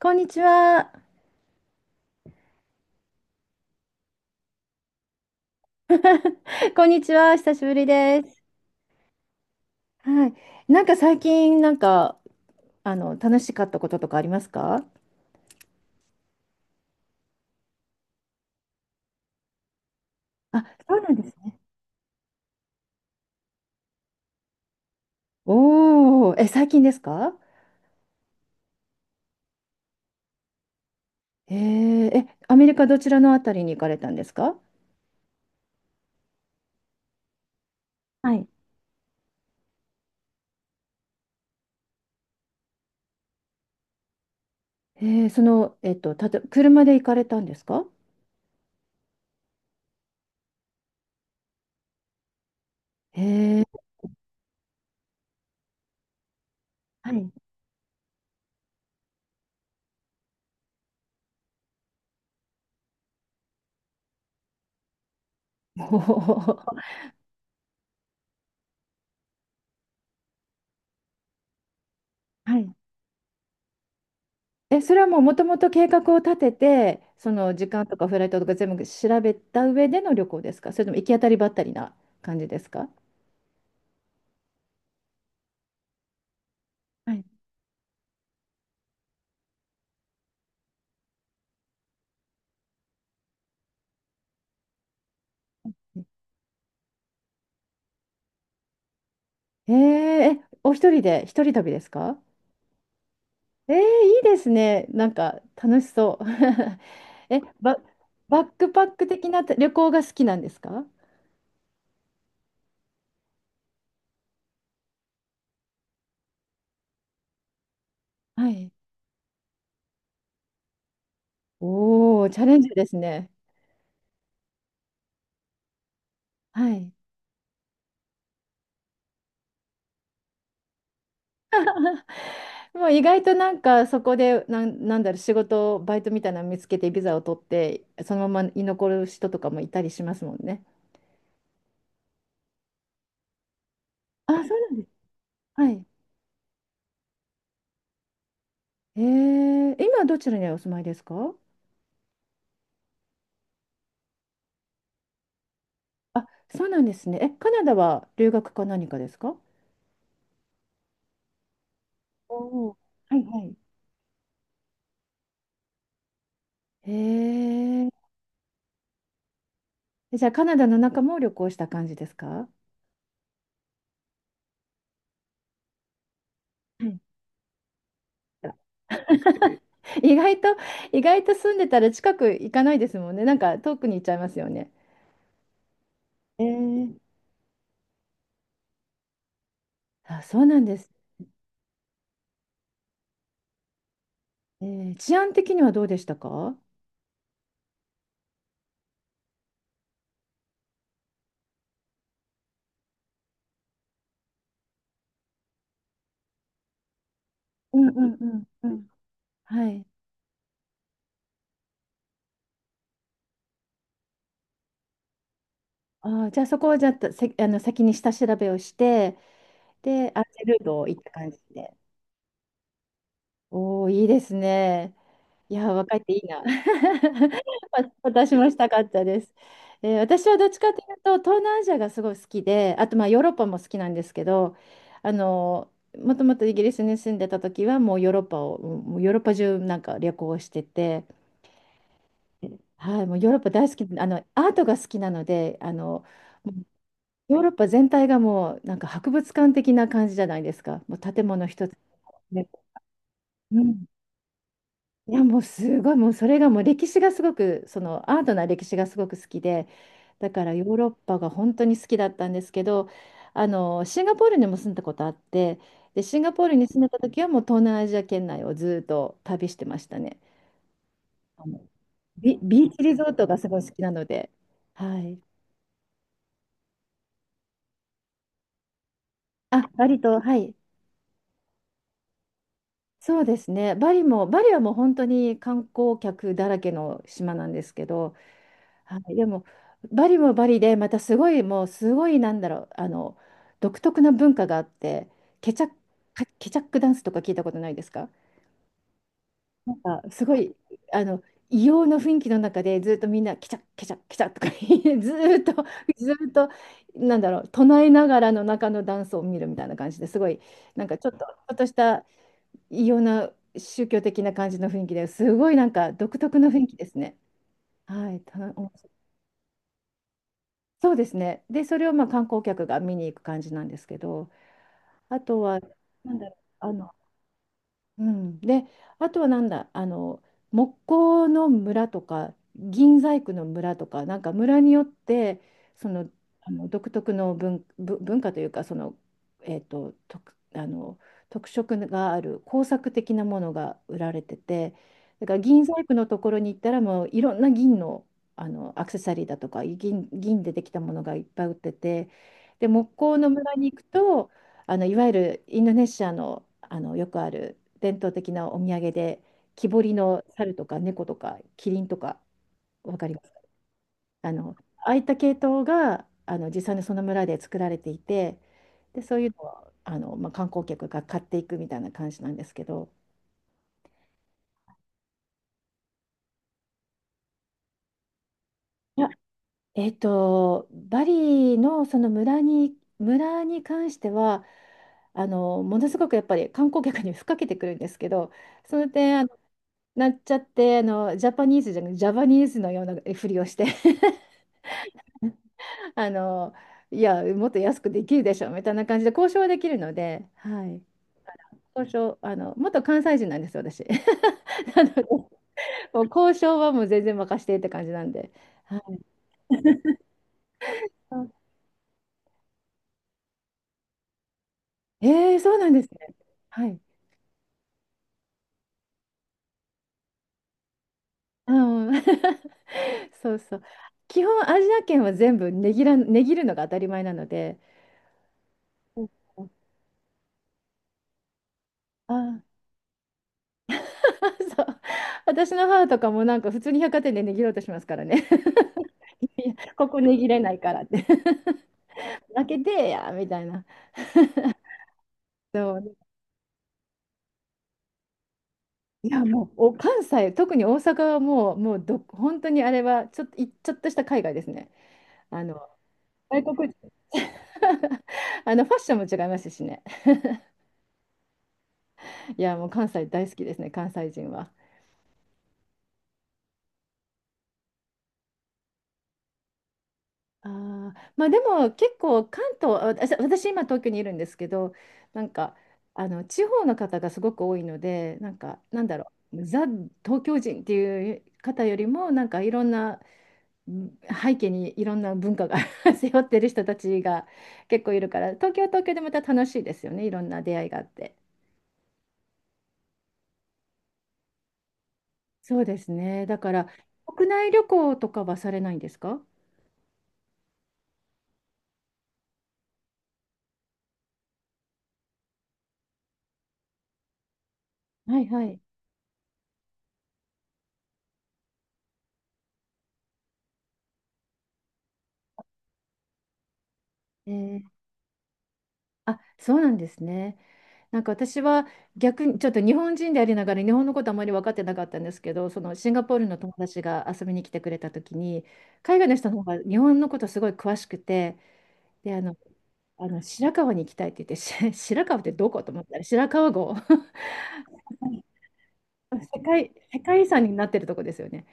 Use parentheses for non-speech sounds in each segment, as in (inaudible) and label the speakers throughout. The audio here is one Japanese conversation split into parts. Speaker 1: こんにちは。(laughs) こんにちは。久しぶりです。はい。なんか最近、楽しかったこととかありますか？あ、そうなんですね。おー、え、最近ですか？え、アメリカどちらのあたりに行かれたんですか？はい。車で行かれたんですか？えー。はい。おー。はい。え、それはもうもともと計画を立てて、その時間とかフライトとか全部調べた上での旅行ですか？それとも行き当たりばったりな感じですか？はい。ええ、お一人で、一人旅ですか？えー、いいですね。なんか楽しそう。(laughs) え、バックパック的な旅行が好きなんですか？はい。おー、チャレンジですね。はい。もう意外となんかそこで、なんだろう、仕事、バイトみたいなの見つけてビザを取って、そのまま居残る人とかもいたりしますもんね。あ、そうなんです。はい。えー、今どちらにお住まいですか？あ、そうなんですね。え、カナダは留学か何かですか？おお。はいはい。へえ。じゃあカナダの中も旅行した感じですか？はい。 (laughs) 意外と、意外と住んでたら近く行かないですもんね。なんか遠くに行っちゃいますよね。えー、あ、そうなんですね。えー、治安的にはどうでしたか？うんうんうんうん。はい。あー、じゃあそこをじゃあ、せ、あの先に下調べをして、で、アンジェルードを行った感じで。おお、いいですね。いやー、若いっていいな。(laughs) 私もしたかったです。私はどっちかというと、東南アジアがすごい好きで、あとまあヨーロッパも好きなんですけど、あのもともとイギリスに住んでた時は、もうヨーロッパ中なんか旅行してて、はい、もうヨーロッパ大好き、アートが好きなので、もうヨーロッパ全体がもうなんか博物館的な感じじゃないですか？もう建物一つ。ね。うん。いや、もうすごい、もうそれがもう歴史がすごく、そのアートな歴史がすごく好きで、だからヨーロッパが本当に好きだったんですけど、シンガポールにも住んだことあって、でシンガポールに住んでた時はもう東南アジア圏内をずっと旅してましたね。あのビーチリゾートがすごい好きなので、はい、あバリとはい、そうですね。バリはもう本当に観光客だらけの島なんですけど、はい。でもバリもバリでまたすごい、もうすごい、なんだろう、独特な文化があって、ケチャックケチャックダンスとか聞いたことないですか？なんかすごい、あの異様な雰囲気の中でずっとみんなケチャッケチャッケチャッとか言い、 (laughs) ずーっと (laughs) ずーっと、なんだろう、唱えながらの中のダンスを見るみたいな感じですごい、なんかちょっとした異様な宗教的な感じの雰囲気ですごい、なんか独特の雰囲気ですね。はい、面白い。そうですね。で、それをまあ観光客が見に行く感じなんですけど、あとは、なんだろう、うん、で、あとはなんだ、木工の村とか、銀細工の村とか、なんか村によって、その、独特の文化というか、その、えっと、特、あの、特色がある工作的なものが売られてて、だから銀細工のところに行ったら、もういろんな銀の、アクセサリーだとか、銀でできたものがいっぱい売ってて、で、木工の村に行くと、いわゆるインドネシアの、よくある伝統的なお土産で、木彫りの猿とか猫とかキリンとか、わかります？あのああいった系統が実際にその村で作られていて、でそういうのをまあ、観光客が買っていくみたいな感じなんですけど。いや、バリのその村に関しては、ものすごくやっぱり観光客に吹っかけてくるんですけど、その点なっちゃって、ジャパニーズじゃなくてジャパニーズのようなふりをして、あの、いや、もっと安くできるでしょみたいな感じで交渉はできるので、はい。交渉、元関西人なんですよ、私。(laughs) なので、もう交渉はもう全然任せてって感じなんで。はい、そうなんですね。はい。うん。(laughs) そうそう。基本、アジア圏は全部値切るのが当たり前なので、うん。あー。 (laughs) そう。私の母とかもなんか普通に百貨店で値切ろうとしますからね。(laughs) いや、ここ値切れないからって。負けてえやみたいな。そう。いや、もうお関西、特に大阪はもう、ど本当にあれはちょっとした海外ですね。あの外国人。 (laughs) ファッションも違いますしね。いや、もう関西大好きですね、関西人は。あー、まあ、でも結構関東あ私今東京にいるんですけど、なんか地方の方がすごく多いので、なんか、なんだろう、ザ・東京人っていう方よりも、なんか、いろんなん背景にいろんな文化が (laughs) 背負ってる人たちが (laughs) 結構いるから、東京は東京でまた楽しいですよね、いろんな出会いがあって。そうですね、だから国内旅行とかはされないんですか？はいはい。えーあ、そうなんですね。なんか私は逆にちょっと日本人でありながら日本のことあまり分かってなかったんですけど、そのシンガポールの友達が遊びに来てくれた時に、海外の人の方が日本のことすごい詳しくて、で、白川に行きたいって言って、(laughs) 白川ってどこと思ったら、白川郷。(laughs) 世界遺産になってるとこですよね。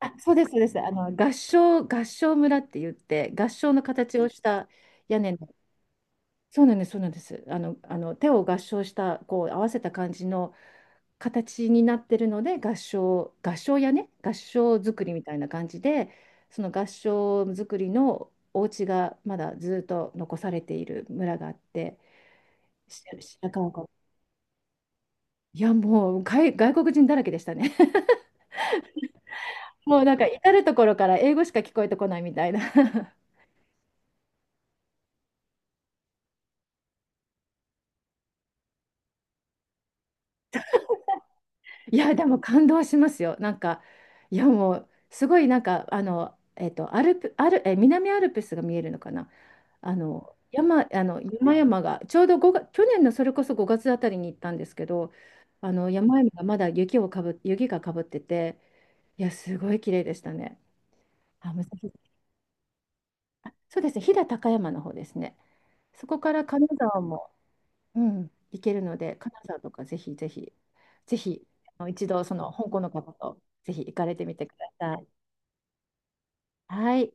Speaker 1: あ、そうです、そうです。合掌村って言って、合掌の形をした屋根の。そうなんです、そうなんです。あの手を合掌した、こう合わせた感じの形になってるので、合掌屋根、合掌造りみたいな感じで、その合掌造りのお家がまだずっと残されている村があって、しなかなか。いや、もう外国人だらけでしたね。(laughs) もうなんか至る所から英語しか聞こえてこないみたいな。(laughs) いや、でも感動しますよ。なんか、いや、もうすごいなんか、あの、えっと、アルプ、アル、え、南アルプスが見えるのかな。あの、山、あの、山々が、ちょうどごが去年のそれこそ5月あたりに行ったんですけど、山々がまだ雪がかぶってて、いや、すごい綺麗でしたね。あ、そうですね、飛騨高山の方ですね。そこから金沢も、うん、行けるので、金沢とかぜひぜひ、ぜひ、一度、その香港の方とぜひ行かれてみてください。はい。